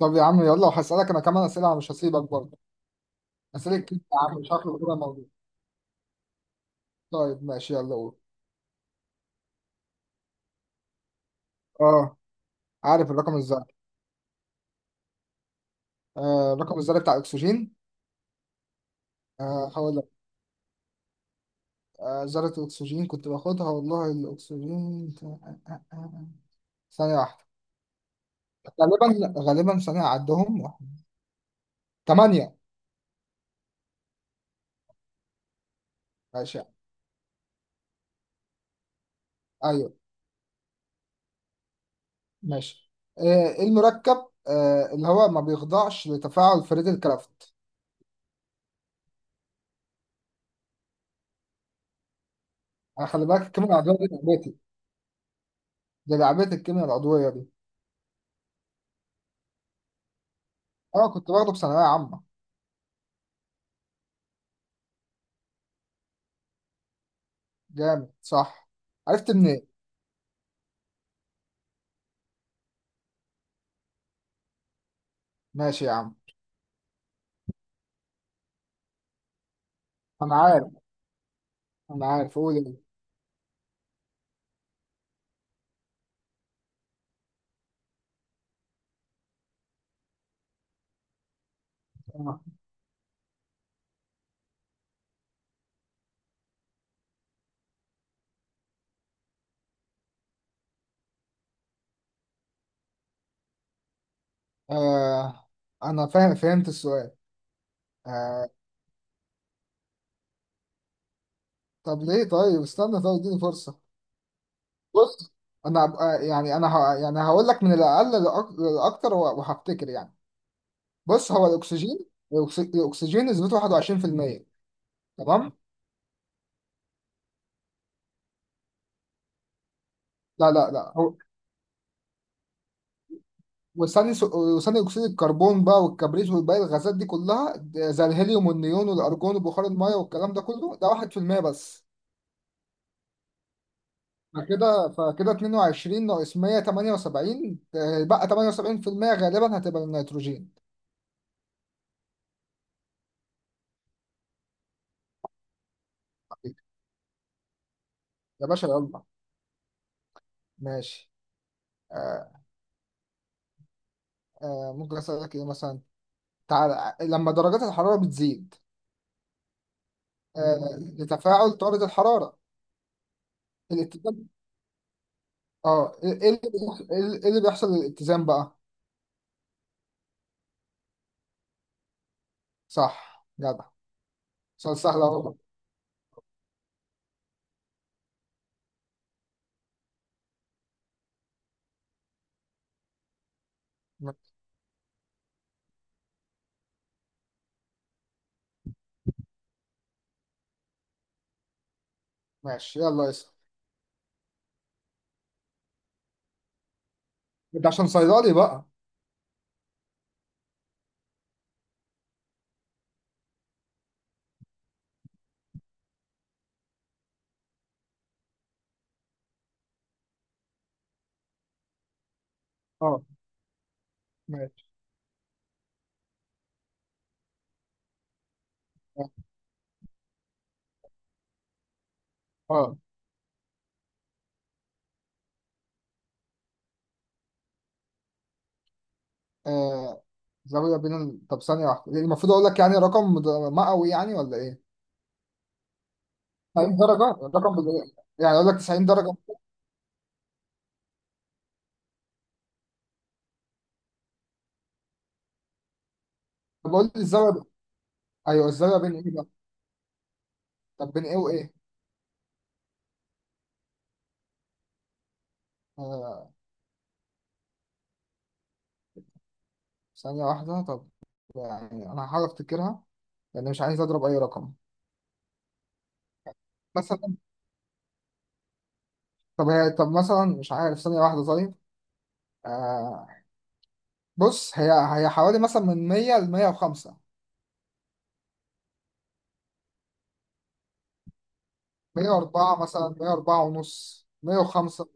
طب يا عم، يلا وهسألك انا كمان اسئله، مش هسيبك برضه. اسئله كتير يا عم، شكله كده موجود. طيب ماشي، يلا قول. اه، عارف الرقم الذري. الرقم الذري بتاع الاكسجين. هقول لك. ذره الاكسجين كنت باخدها والله، الاكسجين. ثانيه واحده. غالبا ثانيه عدهم. ثمانيه. ماشي. ايوه. ماشي. آه إيه المركب اللي هو ما بيخضعش لتفاعل فريد الكرافت. انا خلي بالك، الكيمياء العضويه دي لعبتي. دي لعبتي الكيمياء العضويه دي. اه كنت باخده في ثانوية عامة. جامد صح؟ عرفت منين؟ ماشي يا عم. انا عارف. انا عارف، قول ايه. آه. آه. انا فاهم، فهمت السؤال. آه. طب ليه؟ طيب استنى، طيب اديني فرصة. بص، انا هبقى يعني هقول لك من الاقل للاكتر وهفتكر يعني. بص، هو الاكسجين. الاكسجين نسبته 21%. تمام. لا لا لا. وثاني اكسيد الكربون بقى، والكبريت، والباقي الغازات دي كلها زي الهيليوم والنيون والارجون وبخار الميه والكلام ده كله، ده 1% بس. فكده 22 ناقص 100، 78، بقى 78% غالبا هتبقى النيتروجين. يا باشا يلا. ماشي. آه. ممكن اسالك ايه مثلا؟ تعالى، لما درجات الحراره بتزيد لتفاعل طارد الحراره، الاتزان، اه، ايه اللي بيحصل؟ إيه اللي بيحصل للاتزان بقى؟ صح، جدع. سؤال سهل اهو. ماشي، يلا اسأل. انت عشان صيدلي بقى. اه. ماشي. اه آه، آه، زاوية طب ثانية واحدة، يعني المفروض اقول لك يعني رقم مئوي يعني، ولا ايه؟ 90 درجة. رقم بال- يعني اقول لك 90 درجة. طب قول لي الزاوية ب... ايوه، الزاوية بين ايه بقى؟ طب بين ايه وايه؟ آه. ثانية واحدة طب. يعني انا هحاول افتكرها، لان مش عايز اضرب اي رقم. مثلا. طب هي طب مثلا مش عارف، ثانية واحدة طيب. آه. بص، هي حوالي مثلا من 100 ل 105. 104 مثلا، 104 ونص، 105.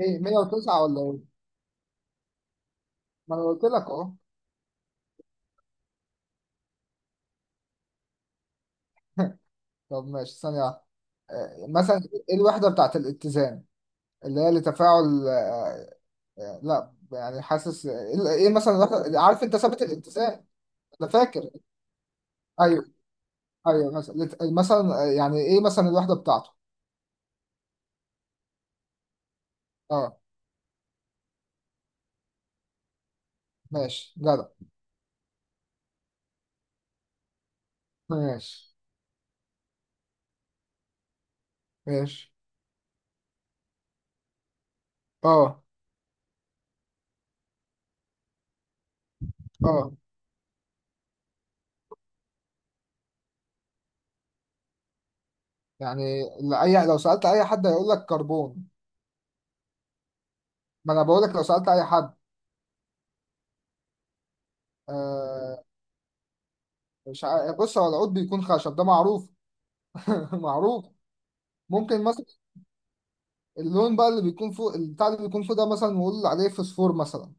ايه، 109 ولا ايه؟ ما انا قلت لك اهو. طب ماشي، ثانية واحدة. مثلا، ايه الوحدة بتاعت الاتزان اللي هي لتفاعل، لا يعني حاسس ايه، إيه مثلا الوحدة؟ عارف انت ثابت الاتزان. انا فاكر. ايوه. ايوه، مثلا يعني ايه مثلا الوحدة بتاعته؟ اه. ماشي، جدع. ماشي. ماشي. اه. اه. يعني ال- اي لو سألت اي حد هيقول لك كربون. ما انا بقول لك لو سألت اي حد. آه، مش ع... بص، هو العود بيكون خشب، ده معروف. معروف. ممكن مثلا اللون بقى اللي بيكون فوق البتاع اللي بيكون فوق ده، مثلا نقول عليه فوسفور مثلا.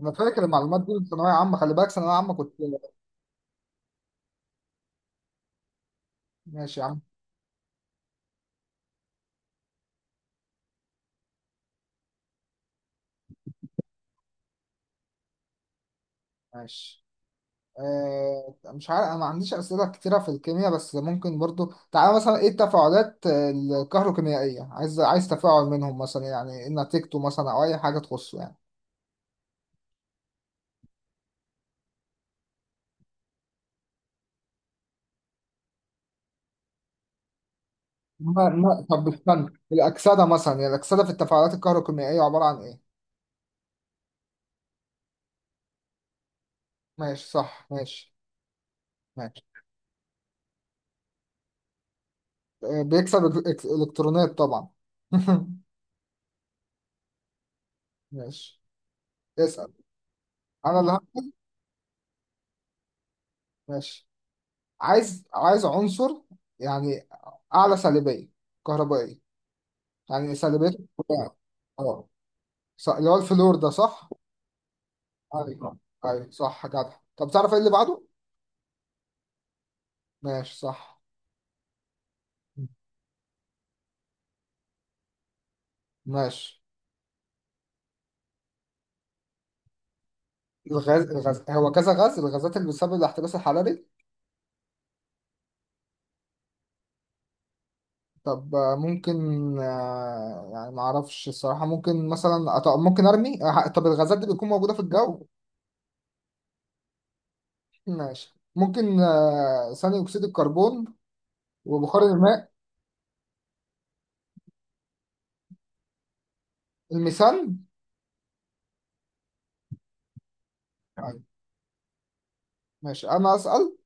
انا فاكر المعلومات دي من ثانويه عامه، خلي بالك، ثانويه عامه كنت. ماشي يا عم. ماشي. مش عارف، انا ما عنديش اسئله كتيره في الكيمياء، بس ممكن برضو تعالى مثلا، ايه التفاعلات الكهروكيميائيه؟ عايز تفاعل منهم مثلا، يعني ايه نتيجته مثلا، او اي حاجه تخصه يعني. ما... ما... طب استنى، الاكسده مثلا، يعني الاكسده في التفاعلات الكهروكيميائيه عباره عن ايه؟ ماشي. صح ماشي. ماشي. بيكسب الكترونات طبعا. ماشي. اسأل. انا اللي ه- ماشي. عايز عنصر يعني اعلى سالبية كهربائية، يعني اه. اللي هو الفلور ده، صح؟ ايوه. ايوه، صح، جدع. طب تعرف ايه اللي بعده؟ ماشي، صح ماشي. الغاز هو كذا غاز، الغازات اللي بتسبب الاحتباس الحراري. طب ممكن، يعني ما اعرفش الصراحة، ممكن مثلا ممكن ارمي، طب الغازات دي بتكون موجودة في الجو. ماشي، ممكن ثاني اكسيد الكربون، وبخار الماء، الميثان. أيوة. ماشي انا اسأل.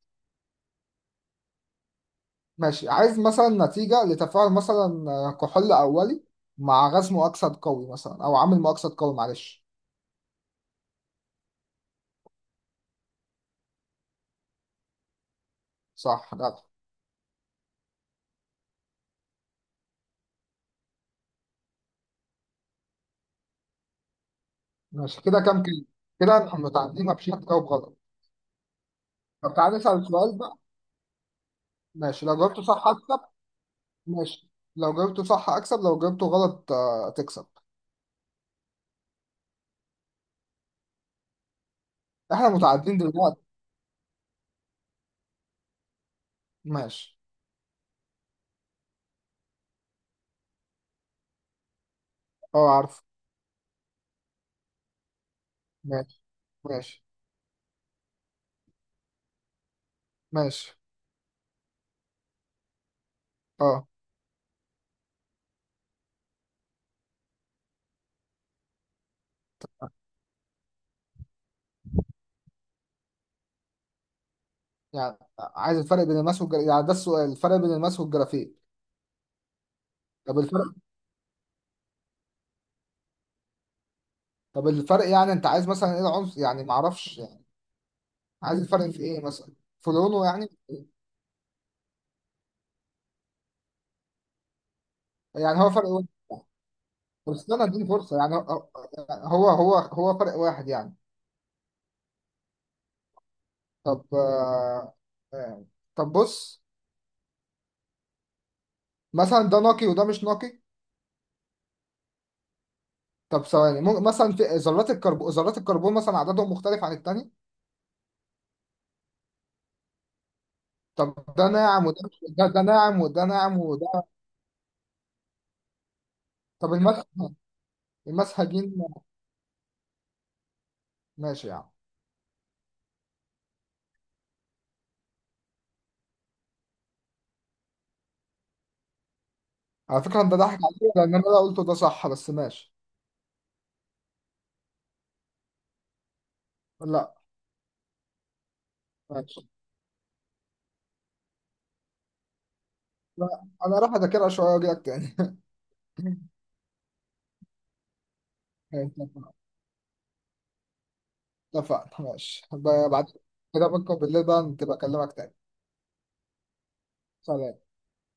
ماشي. عايز مثلا نتيجة لتفاعل مثلا، كحول اولي مع غاز مؤكسد قوي مثلا، او عامل مؤكسد قوي، معلش. صح، جدع. ماشي كده، كام كلمة؟ كده احنا متعدين، ما فيش حد جاوب غلط. طب تعالى نسأل سؤال بقى. ماشي، لو جاوبته صح. ماشي، لو جاوبته صح اكسب، لو جاوبته غلط تكسب. احنا متعادلين دلوقتي. ماشي. اه، عارف. ماشي. ماشي. ماشي. اه، يعني عايز الفرق بين الماس والجرافيك، يعني ده السؤال، الفرق بين الماس والجرافيك؟ طب الفرق. طب الفرق، يعني انت عايز مثلا ايه العنصر، يعني معرفش يعني، عايز الفرق في ايه مثلا؟ في لونه يعني؟ يعني هو فرق واحد؟ طب استنى، اديني فرصة. يعني هو، هو هو فرق واحد يعني؟ طب آه. آه. طب بص، مثلا ده نقي وده مش نقي. طب ثواني، ممكن مثلا في ذرات الكربون، مثلا عددهم مختلف عن التاني. طب ده ناعم وده، ده ناعم وده. طب المسحجين. ماشي يعني. على فكرة انت ضحك عليا، لان انا لا قلته ده صح، بس ماشي. لا. ماشي. لا، انا راح اذاكرها شوية واجي لك تاني. اتفقنا. اتفقنا. ماشي بعد كده، بكره بالليل بقى تبقى اكلمك تاني. سلام.